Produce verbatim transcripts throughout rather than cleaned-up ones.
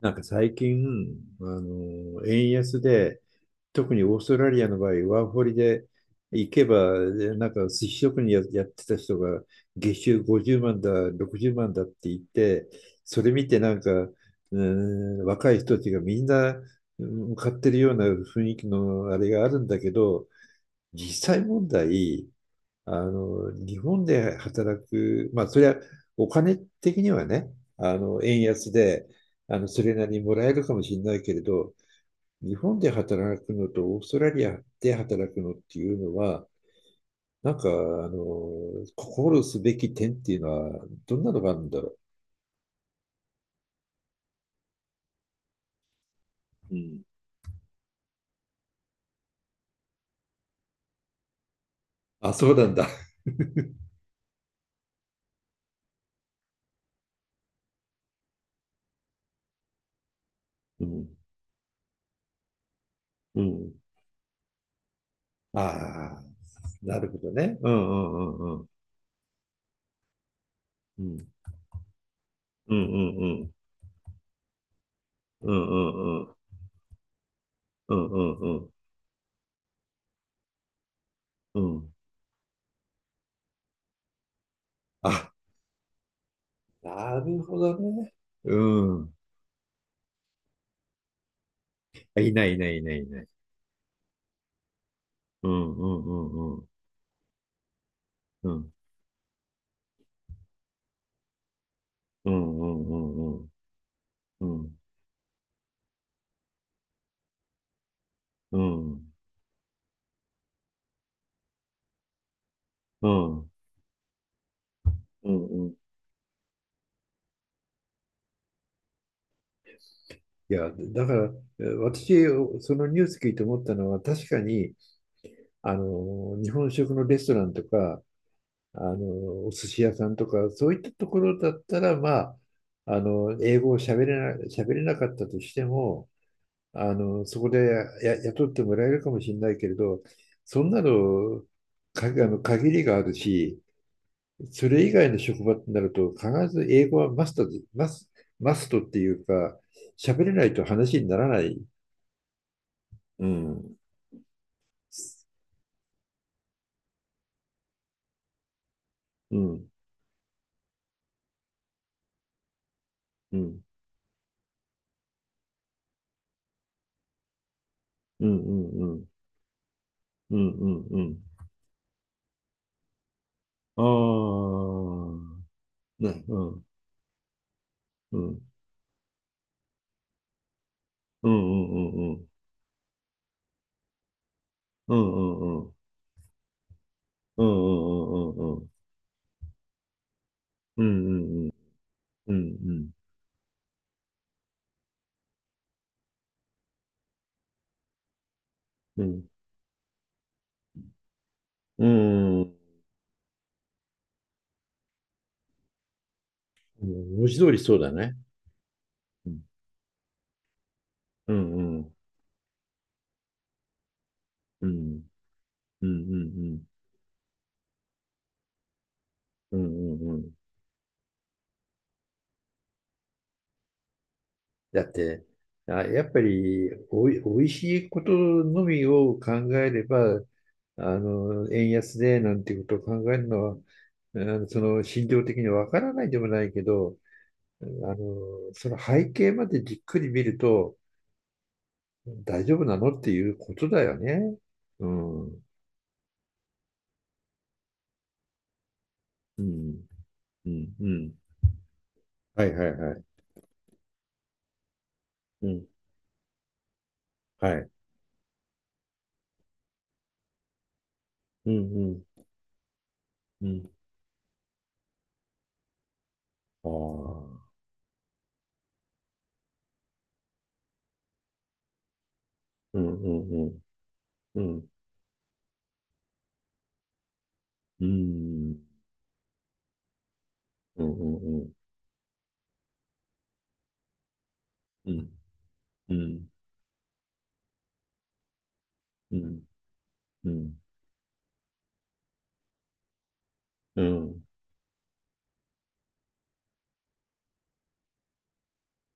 なんか最近、あの、円安で、特にオーストラリアの場合、ワーホリで行けば、でなんか寿司職人や、やってた人が、月収ごじゅうまんだ、ろくじゅうまんだって言って、それ見てなんか、うーん、若い人たちがみんなうん買ってるような雰囲気のあれがあるんだけど、実際問題、あの、日本で働く、まあ、それはお金的にはね、あの、円安で、あの、それなりにもらえるかもしれないけれど、日本で働くのとオーストラリアで働くのっていうのは、なんか、あの、心すべき点っていうのは、どんなのがあるんだろう。うん。あ、そうなんだ。うん。うん。ああ、なるほどね。うんうんうんうん。うんうんうんうん。うんうんうん。うんうんうん。うん。あ、なるほどね。うん。あいない、いない、いない、いない。うん、うん、うん、うん。うん、うん、うん、うん。うん、うん、うん、うん。うん。いや、だから、え私、そのニュース聞いて思ったのは、確かに、あの、日本食のレストランとか、あの、お寿司屋さんとか、そういったところだったら、まあ、あの、英語を喋れな、喋れなかったとしても、あの、そこでや、や雇ってもらえるかもしれないけれど、そんなの、か、あの、限りがあるし、それ以外の職場ってなると、必ず英語はマストで、マス、マストっていうか、喋れないと話にならない。うん。うん。うん。うん。うん。うん。うん。うん。うん。ああ。ね。うん。うん。うん。うん。うん。うん。うん。うん。うん。うん。うん。うん。うん。うん。うん。うん。うん。うん。うん、文字通りそうだね。うん、うん、うん、うん、うん、うん、うん、うん、うん。だって、あ、やっぱりおい、おいしいことのみを考えれば、あの、円安でなんていうことを考えるのは、あのその心情的にわからないでもないけど、あの、その背景までじっくり見ると、大丈夫なのっていうことだよね。うん、うん、うん、うん。はいはいはい。うん、はい。うん、うん、うん。ああ、うんうんうん、うん、うん、うん、うん、うん、うん、うん、うん、うん。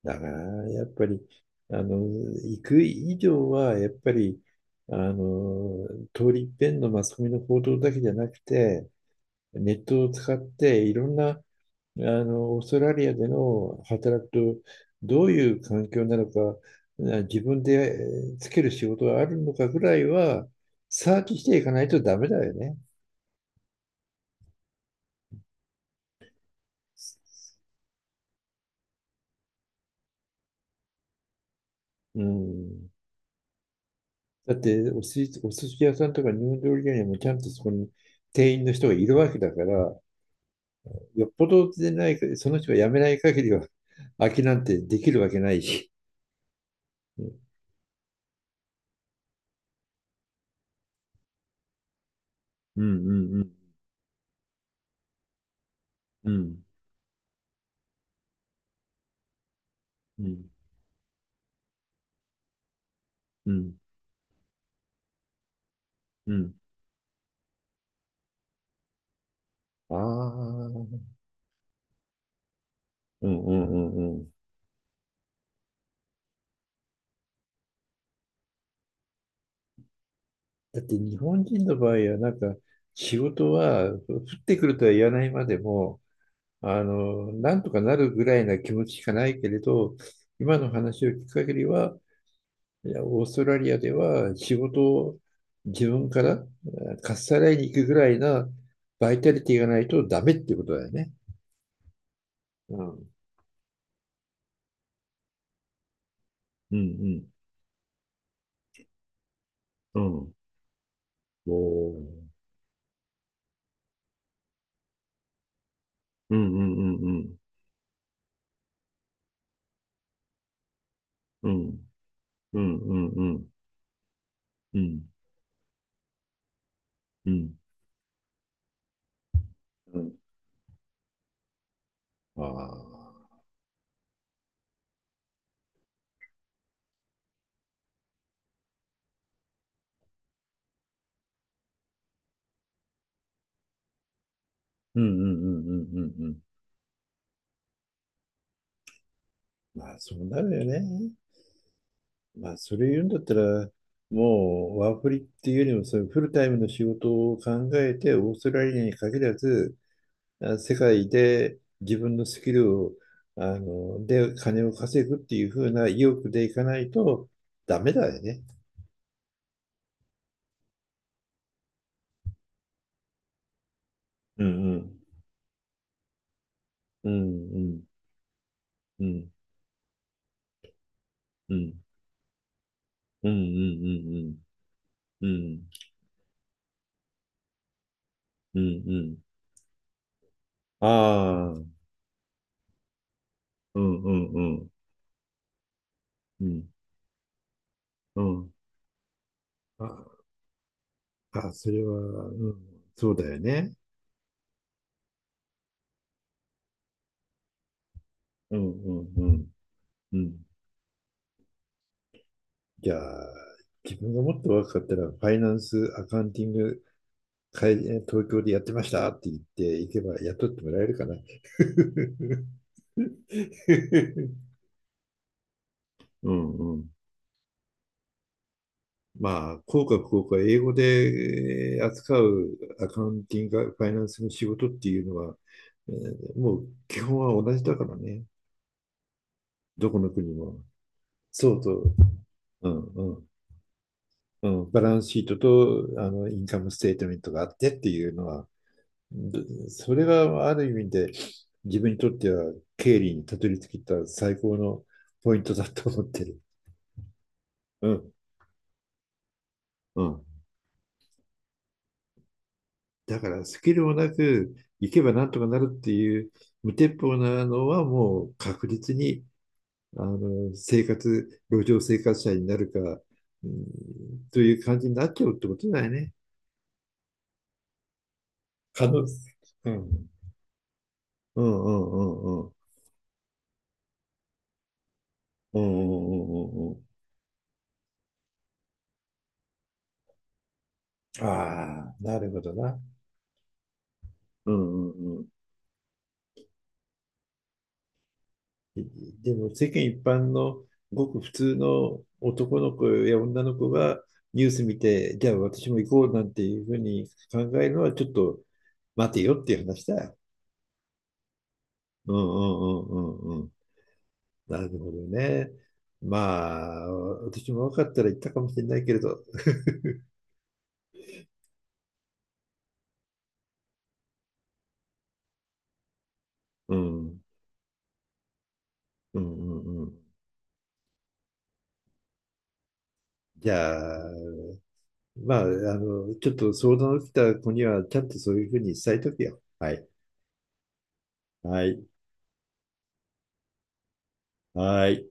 だから、やっぱり、あの、行く以上は、やっぱり、あの、通り一遍のマスコミの報道だけじゃなくて、ネットを使って、いろんな、あの、オーストラリアでの働くと、どういう環境なのか、な自分でえーつける仕事があるのかぐらいは、サーチしていかないとダメだよね。うん。だって、お寿司、お寿司屋さんとか日本料理屋にもちゃんとそこに店員の人がいるわけだから、よっぽどでないか、その人が辞めない限りは、空きなんてできるわけないし。うんうんうんうんうんうん。ああー、うんうんうんうん。だって日本人の場合は、なんか仕事は降ってくるとは言わないまでも、あの、なんとかなるぐらいな気持ちしかないけれど、今の話を聞く限りは、いや、オーストラリアでは仕事を自分からえーかっさらいに行くぐらいなバイタリティがないとダメってことだよね。うん。うんうんうん。うん。おー。うんうんうんうん。うんうんうんうんうんうん。うん。ああ。うんうんうんうんうんうん。まあ、そうなるよね。まあ、それ言うんだったら、もうワーフリっていうよりも、そういうフルタイムの仕事を考えて、オーストラリアに限らず、世界で自分のスキルを、あの、で金を稼ぐっていう風な意欲でいかないとダメだよね。うんうん。うんうん。うんうん。うんうんうんうん。うんうんうん。ああ。うんうんうんうんうん。ああ、それは、うん、そうだよね。うんうんうんうん。じゃあ、自分がもっと若かったら、ファイナンス、アカウンティング、会東京でやってましたって言っていけば雇ってもらえるかな。うんうん。まあ、効果不効果、英語で扱うアカウンティング、ファイナンスの仕事っていうのは、えーもう基本は同じだからね。どこの国も。そうそう。うんうん。うん、バランスシートとあのインカムステートメントがあってっていうのは、でそれがある意味で自分にとっては経理にたどり着いた最高のポイントだと思ってる。うん、うん。だからスキルもなく行けばなんとかなるっていう無鉄砲なのはもう確実にあの生活、路上生活者になるか、うん、という感じになっちゃうってことだよね。可能性。うん。うんうんうんうん。うんうんうんうんうん。ああ、なるほどな。うんうんうん。でも世間一般のごく普通の男の子や女の子がニュース見て、じゃあ私も行こうなんていうふうに考えるのはちょっと待てよっていう話だよ。うんうんうんうんうん。なるほどね。まあ、私も若かったら行ったかもしれないけれど、うん、うんうんうん。じゃあ、まあ、あの、ちょっと相談を受けた子には、ちゃんとそういうふうに伝えとくよ。はい。はい。はい。